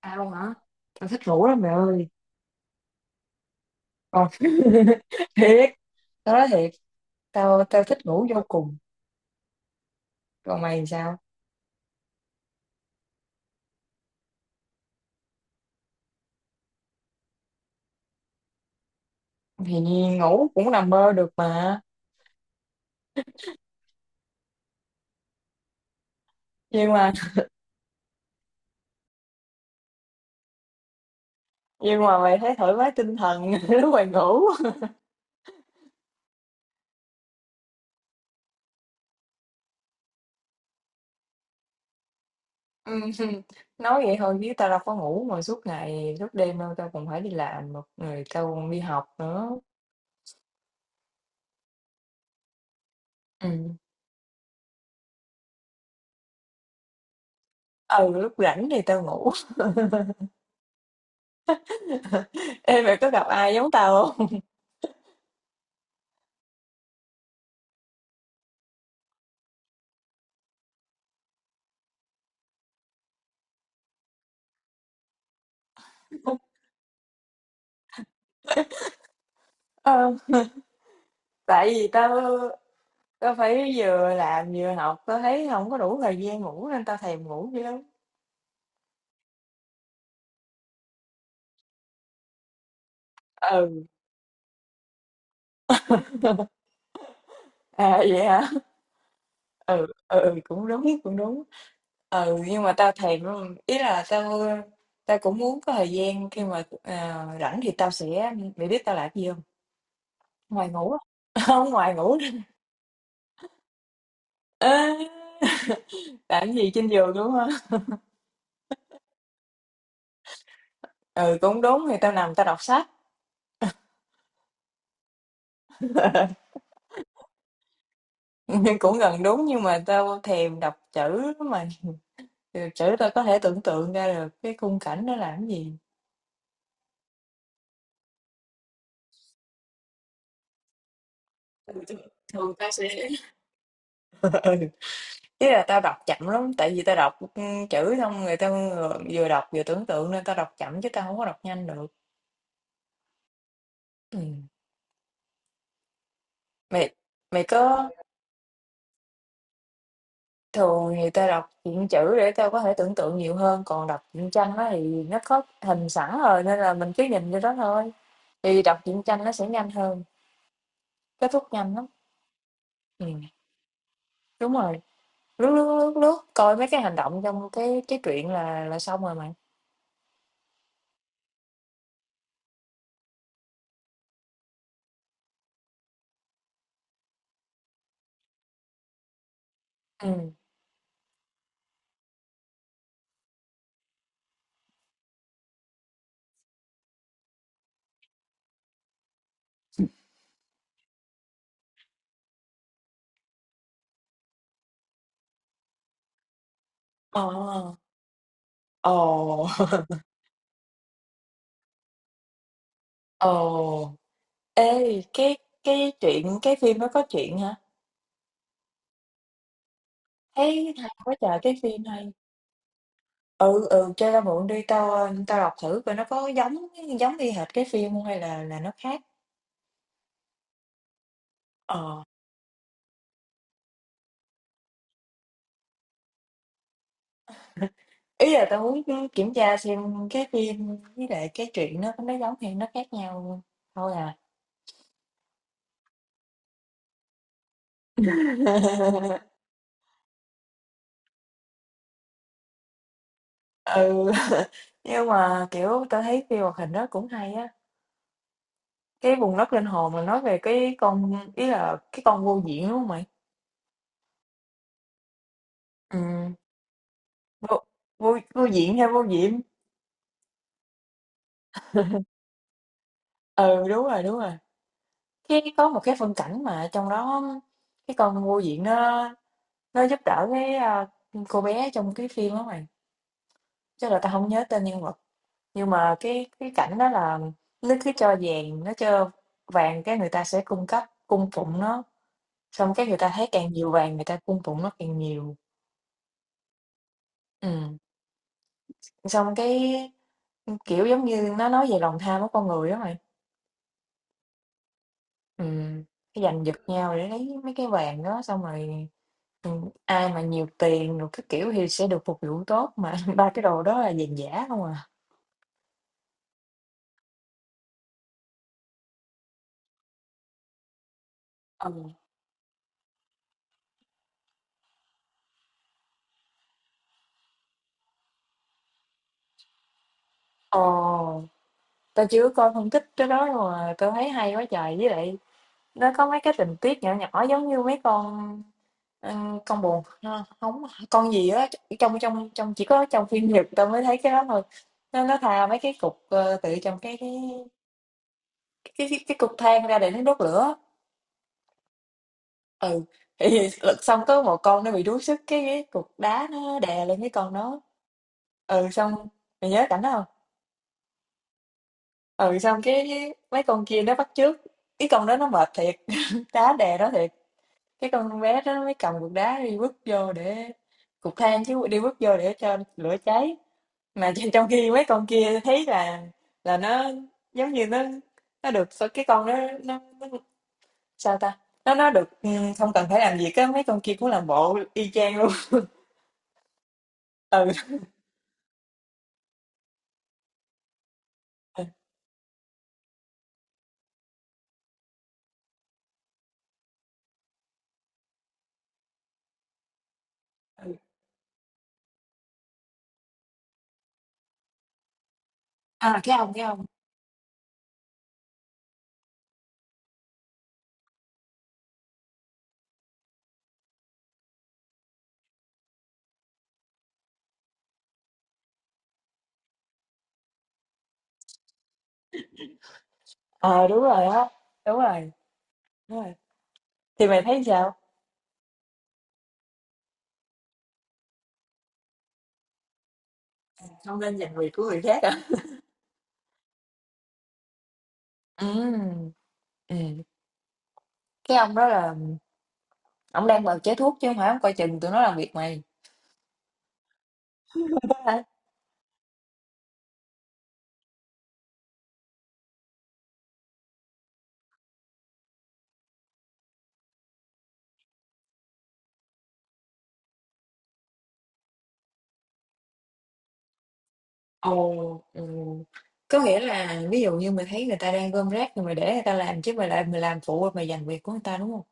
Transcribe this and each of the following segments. Tao hả? Tao thích ngủ lắm mẹ ơi. Còn thiệt, tao nói thiệt, tao tao thích ngủ vô cùng. Còn mày thì sao? Thì ngủ cũng nằm mơ được mà. Nhưng mà nhưng mà mày thấy thoải mái tinh thần lúc mày ngủ. Ừ, nói vậy thôi chứ tao đâu có ngủ mà suốt ngày suốt đêm đâu tao còn phải đi làm một người tao còn đi học nữa. Ừ. Ừ, lúc rảnh thì tao ngủ. Ê, mày có gặp ai giống tao không? Ờ, tại vì tao Tao phải vừa làm vừa học, tao thấy không có đủ thời gian ngủ nên tao thèm ngủ dữ lắm. Ừ, à, vậy hả? Ừ, ừ, ừ, cũng đúng, cũng đúng. Ừ, nhưng mà tao thèm lắm. Ý là tao tao cũng muốn có thời gian khi mà rảnh thì tao sẽ mày biết tao làm gì không? Ngoài ngủ á. Không, ngoài ngủ. À, làm gì trên giường đúng không? Ừ, cũng đúng thì tao nằm tao đọc sách. Nhưng cũng gần đúng nhưng mà tao thèm đọc chữ lắm mày. Ừ, chữ tao có thể tưởng tượng ra được cái khung cảnh nó làm cái gì. Ừ, thường thường tao sẽ ừ. Chứ là tao đọc chậm lắm tại vì tao đọc chữ xong người ta vừa vừa đọc vừa tưởng tượng nên tao đọc chậm chứ tao không có đọc nhanh được ừ. mày mày có thường thì tao đọc truyện chữ để tao có thể tưởng tượng nhiều hơn còn đọc truyện tranh đó thì nó có hình sẵn rồi nên là mình cứ nhìn vô đó thôi thì đọc truyện tranh nó sẽ nhanh hơn kết thúc nhanh lắm ừ. Đúng rồi lướt lướt lướt lướt coi mấy cái hành động trong cái truyện là xong rồi mày ừ. Ờ. Ồ. Ồ, ê, cái chuyện cái phim nó có chuyện hả? Thấy hay quá trời cái phim hay. Ừ ừ, cho tao mượn đi tao tao đọc thử coi nó có giống giống y hệt cái phim không hay là nó khác. Ờ, ý là tao muốn kiểm tra xem cái phim với lại cái chuyện nó giống hay nó khác nhau thôi à. ừ nhưng mà kiểu tao thấy phim hoạt hình đó cũng hay á cái vùng đất linh hồn mà nói về cái con ý là cái con vô diện đúng không mày ừ vô vô vô diện hay vô diệm ừ đúng rồi cái có một cái phân cảnh mà trong đó cái con vô diện nó giúp đỡ cái cô bé trong cái phim đó mày chắc là tao không nhớ tên nhân vật nhưng mà cái cảnh đó là nó cứ cho vàng nó cho vàng cái người ta sẽ cung cấp cung phụng nó xong cái người ta thấy càng nhiều vàng người ta cung phụng nó càng nhiều ừ. Xong cái kiểu giống như nó nói về lòng tham của con người đó mày. Ừm, cái giành giật nhau để lấy mấy cái vàng đó xong rồi, ai mà nhiều tiền rồi cái kiểu thì sẽ được phục vụ tốt, mà ba cái đồ đó là vàng giả không à. Ừ. Ồ, tao chưa coi phân tích cái đó mà tao thấy hay quá trời, với lại nó có mấy cái tình tiết nhỏ nhỏ giống như mấy con, ờ, con bồ ha, không con gì á, trong trong trong chỉ có trong phim Nhật tao mới thấy cái đó thôi. Nó thà mấy cái cục, tự trong cái cái cục than ra để nó đốt lửa ừ thì lật xong có một con nó bị đuối sức cái cục đá nó đè lên cái con nó ừ xong mày nhớ cảnh đó không ừ xong cái mấy con kia nó bắt chước cái con đó nó mệt thiệt đá đè đó thiệt cái con bé đó nó mới cầm cục đá đi bước vô để cục than chứ đi bước vô để cho lửa cháy mà trong trong khi mấy con kia thấy là nó giống như nó được sao cái con đó nó sao ta nó được không cần phải làm gì cái mấy con kia cũng làm bộ y chang luôn. Ừ. Ừ. À, cái ông. Ờ, đúng rồi á. Đúng rồi, đúng rồi. Thì mày thấy sao? Không nên giành việc của người khác à? Ừm, ừm. Cái ông đó là ông đang bào chế thuốc chứ không phải ông coi chừng tụi nó làm việc mày. Đúng. Ồ, ừ. Có nghĩa là ví dụ như mày thấy người ta đang gom rác thì mày để người ta làm chứ mày lại mày làm phụ rồi mày giành việc của người ta đúng không?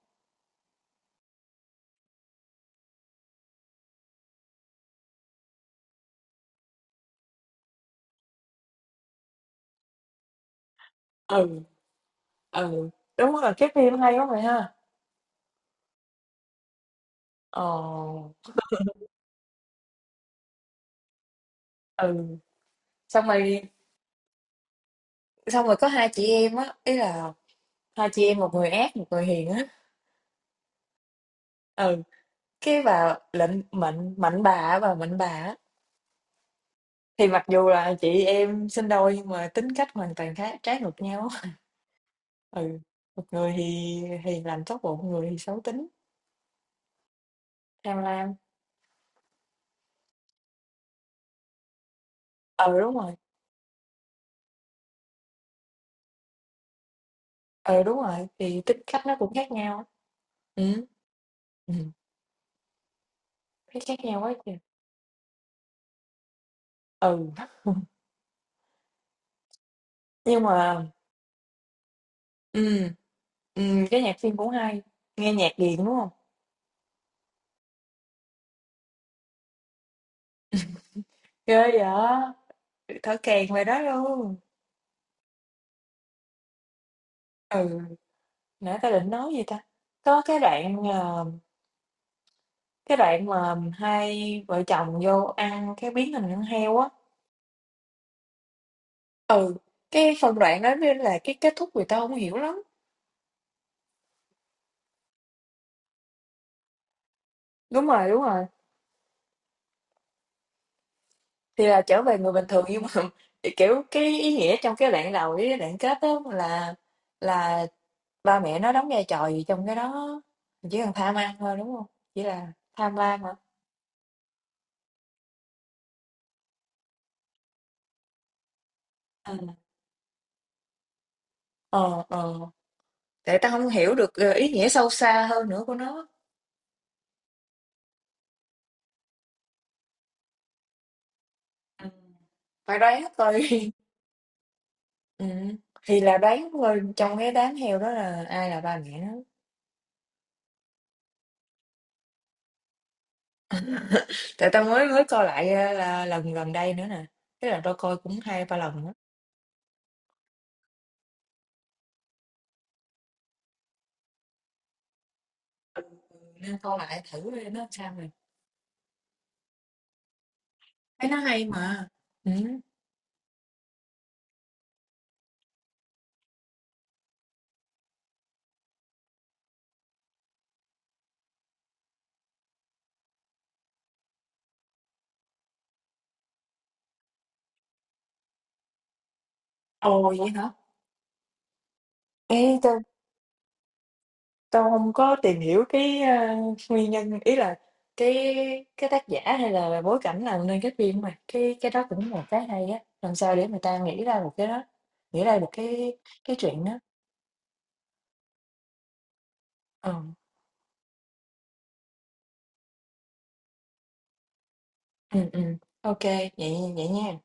Ừ, ừ. Đúng rồi, cái phim hay quá mày ha. Ồ, ừ. Xong rồi xong rồi có hai chị em á, ý là hai chị em một người ác một người hiền á. Ừ cái bà lệnh mạnh mạnh bà á, bà mạnh bà á, thì mặc dù là chị em sinh đôi nhưng mà tính cách hoàn toàn khác trái ngược nhau. Ừ một người thì làm tốt bụng một người thì xấu tính tham lam ừ đúng rồi ừ đúng rồi thì tính cách nó cũng khác nhau ừ ừ thấy khác nhau quá kìa ừ nhưng mà ừ ừ cái nhạc phim cũng hay nghe nhạc gì đúng không ghê vậy thở kèn về đó luôn ừ nãy ta định nói gì ta có cái đoạn cái đoạn mà hai vợ chồng vô ăn cái biến hình con heo á. Ừ, cái phần đoạn đó mới là cái kết thúc người ta không hiểu lắm. Đúng rồi, đúng rồi. Thì là trở về người bình thường nhưng mà kiểu cái ý nghĩa trong cái đoạn đầu với cái đoạn kết đó là ba mẹ nó đóng vai trò gì trong cái đó. Chỉ cần tham ăn thôi đúng không? Chỉ là tham lam hả? Ừ. Ờ, ờ. Tại ta không hiểu được ý nghĩa sâu xa hơn nữa của nó. Ừ. Phải đoán thôi. Ừm, thì là đoán thôi, trong cái đám heo đó là ai là ba mẹ nó. Tại tao mới mới coi lại, là lần gần đây nữa nè, tức là tao coi cũng hai ba lần á, nên coi lại thử coi nó sao rồi. Thấy nó hay mà. Ừ. Ồ, vậy hả? Ê, tao tao không có tìm hiểu cái, nguyên nhân, ý là cái cái tác giả hay là bối cảnh làm nên cái phim mà, cái đó cũng một cái hay á, làm sao để người ta nghĩ ra một cái đó, nghĩ ra được cái chuyện đó. Ờ, ừ ô vậy vậy nha.